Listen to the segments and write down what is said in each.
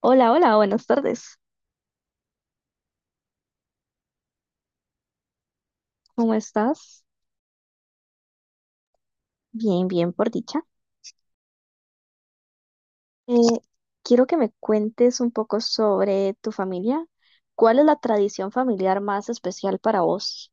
Hola, hola, buenas tardes. ¿Cómo estás? Bien, bien, por dicha. Eh, quiero que me cuentes un poco sobre tu familia. ¿Cuál es la tradición familiar más especial para vos?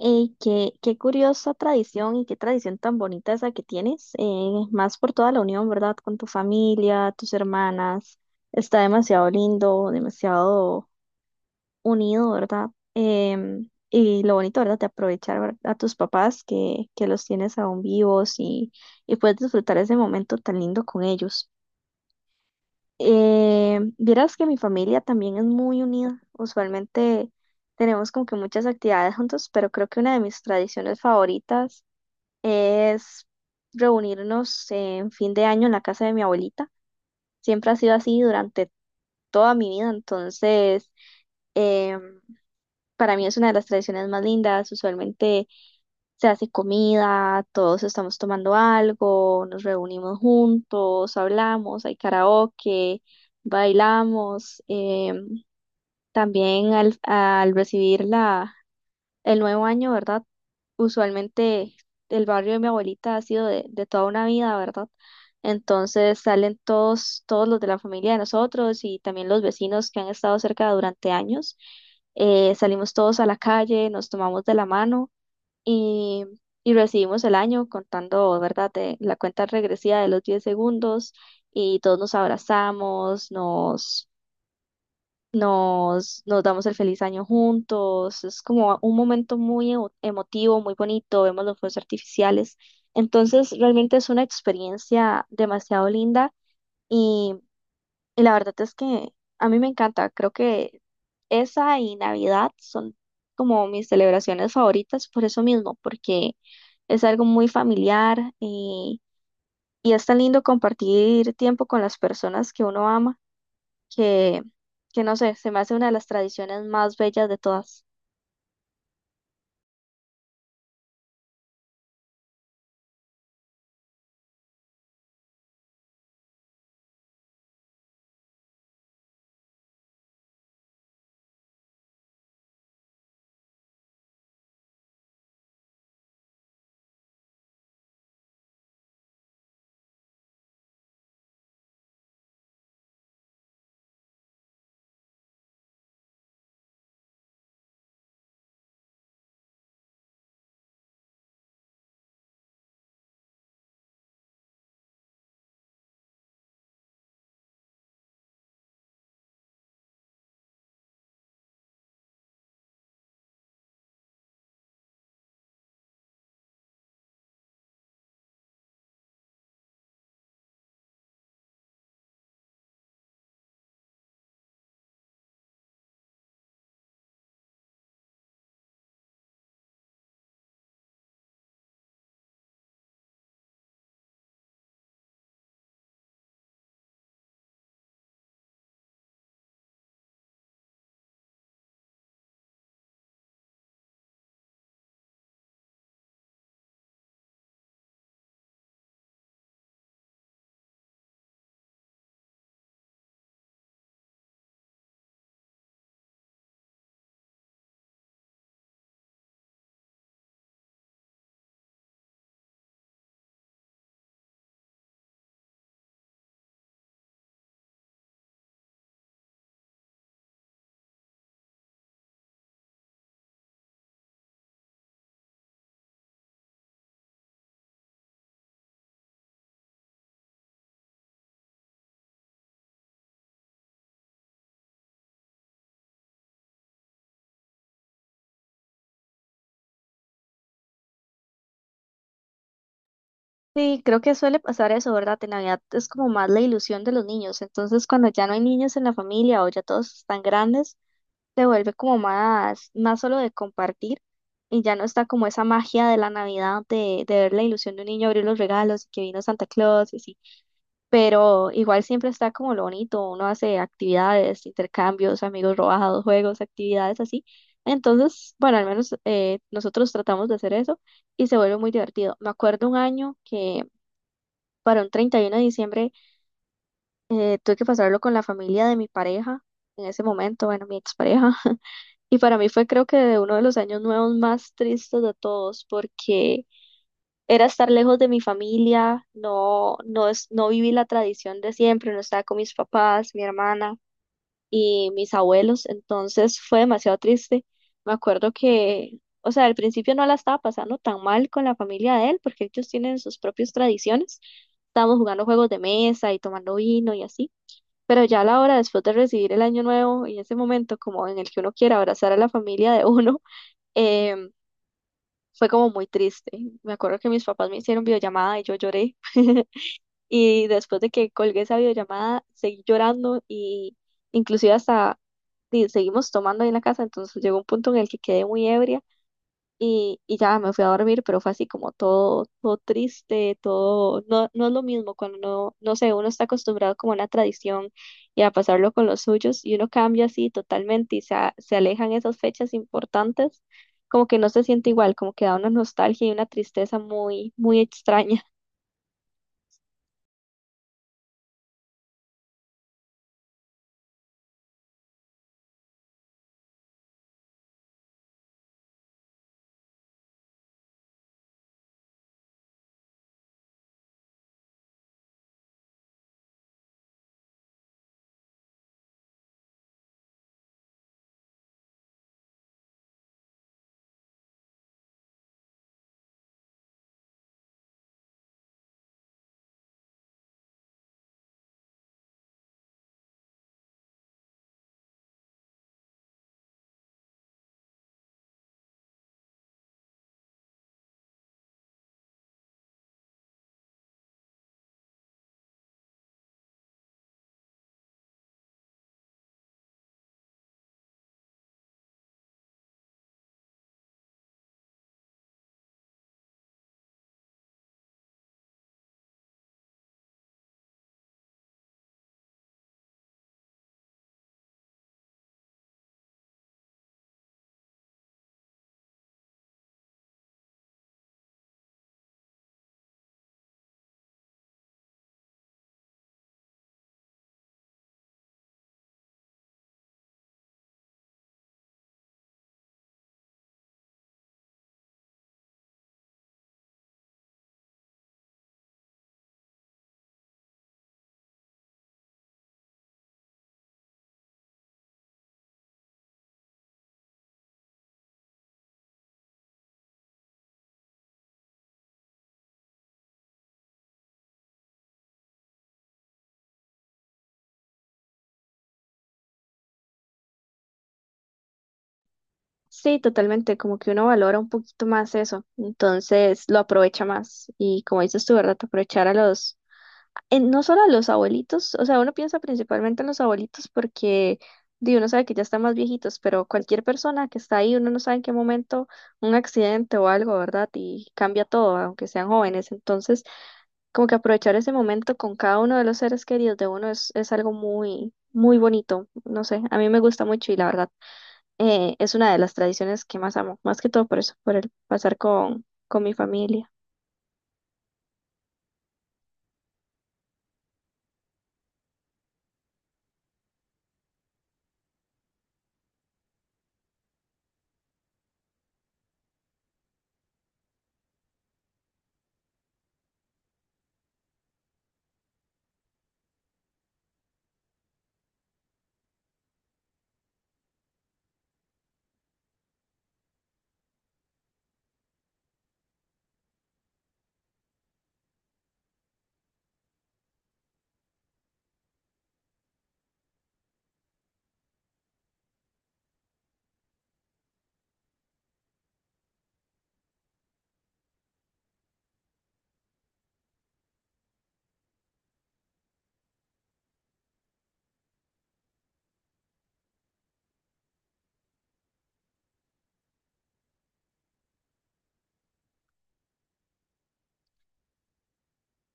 Qué curiosa tradición y qué tradición tan bonita esa que tienes, más por toda la unión, ¿verdad? Con tu familia, tus hermanas. Está demasiado lindo, demasiado unido, ¿verdad? Y lo bonito, ¿verdad? De aprovechar a tus papás que los tienes aún vivos y puedes disfrutar ese momento tan lindo con ellos. Vieras que mi familia también es muy unida. Usualmente tenemos como que muchas actividades juntos, pero creo que una de mis tradiciones favoritas es reunirnos en fin de año en la casa de mi abuelita. Siempre ha sido así durante toda mi vida, entonces em, para mí es una de las tradiciones más lindas. Usualmente se hace comida, todos estamos tomando algo, nos reunimos juntos, hablamos, hay karaoke, bailamos. em, También al recibir el nuevo año, ¿verdad? Usualmente el barrio de mi abuelita ha sido de toda una vida, ¿verdad? Entonces salen todos, todos los de la familia de nosotros y también los vecinos que han estado cerca durante años. Salimos todos a la calle, nos tomamos de la mano y, y recibimos el año contando, ¿verdad? De la cuenta regresiva de los 10 segundos y todos nos abrazamos, nos damos el feliz año juntos, es como un momento muy emotivo, muy bonito, vemos los fuegos artificiales. Entonces, realmente es una experiencia demasiado linda y, y la verdad es que a mí me encanta. Creo que esa y Navidad son como mis celebraciones favoritas por eso mismo, porque es algo muy familiar y es tan lindo compartir tiempo con las personas que uno ama que, que no sé, se me hace una de las tradiciones más bellas de todas. Sí, creo que suele pasar eso, ¿verdad? En Navidad es como más la ilusión de los niños, entonces cuando ya no hay niños en la familia o ya todos están grandes, se vuelve como más, más solo de compartir y ya no está como esa magia de la Navidad de ver la ilusión de un niño abrir los regalos y que vino Santa Claus y así. Pero igual siempre está como lo bonito, uno hace actividades, intercambios, amigos robados, juegos, actividades así. Entonces, bueno, al menos nosotros tratamos de hacer eso y se vuelve muy divertido. Me acuerdo un año que para un 31 de diciembre tuve que pasarlo con la familia de mi pareja, en ese momento, bueno, mi expareja, y para mí fue creo que uno de los años nuevos más tristes de todos porque era estar lejos de mi familia, no, no, es, no viví la tradición de siempre, no estaba con mis papás, mi hermana y mis abuelos, entonces fue demasiado triste. Me acuerdo que, o sea, al principio no la estaba pasando tan mal con la familia de él, porque ellos tienen sus propias tradiciones. Estábamos jugando juegos de mesa y tomando vino y así. Pero ya a la hora, después de recibir el año nuevo y ese momento como en el que uno quiere abrazar a la familia de uno, em, fue como muy triste. Me acuerdo que mis papás me hicieron videollamada y yo lloré. Y después de que colgué esa videollamada, seguí llorando y inclusive hasta y seguimos tomando ahí en la casa. Entonces llegó un punto en el que quedé muy ebria y ya me fui a dormir, pero fue así como todo, todo triste, todo, no, no es lo mismo cuando no sé, uno está acostumbrado como a una tradición y a pasarlo con los suyos y uno cambia así totalmente y se alejan esas fechas importantes, como que no se siente igual, como que da una nostalgia y una tristeza muy, muy extraña. Sí, totalmente, como que uno valora un poquito más eso, entonces lo aprovecha más y como dices tú, ¿verdad? Aprovechar a los no solo a los abuelitos, o sea, uno piensa principalmente en los abuelitos porque di, uno sabe que ya están más viejitos, pero cualquier persona que está ahí, uno no sabe en qué momento un accidente o algo, ¿verdad? Y cambia todo, aunque sean jóvenes. Entonces, como que aprovechar ese momento con cada uno de los seres queridos de uno es algo muy, muy bonito. No sé, a mí me gusta mucho y la verdad, es una de las tradiciones que más amo, más que todo por eso, por el pasar con mi familia.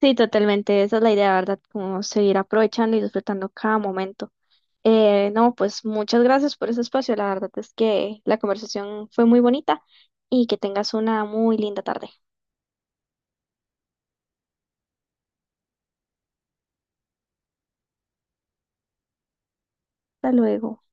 Sí, totalmente, esa es la idea, ¿verdad? Como seguir aprovechando y disfrutando cada momento. No, pues muchas gracias por ese espacio, la verdad es que la conversación fue muy bonita y que tengas una muy linda tarde. Hasta luego.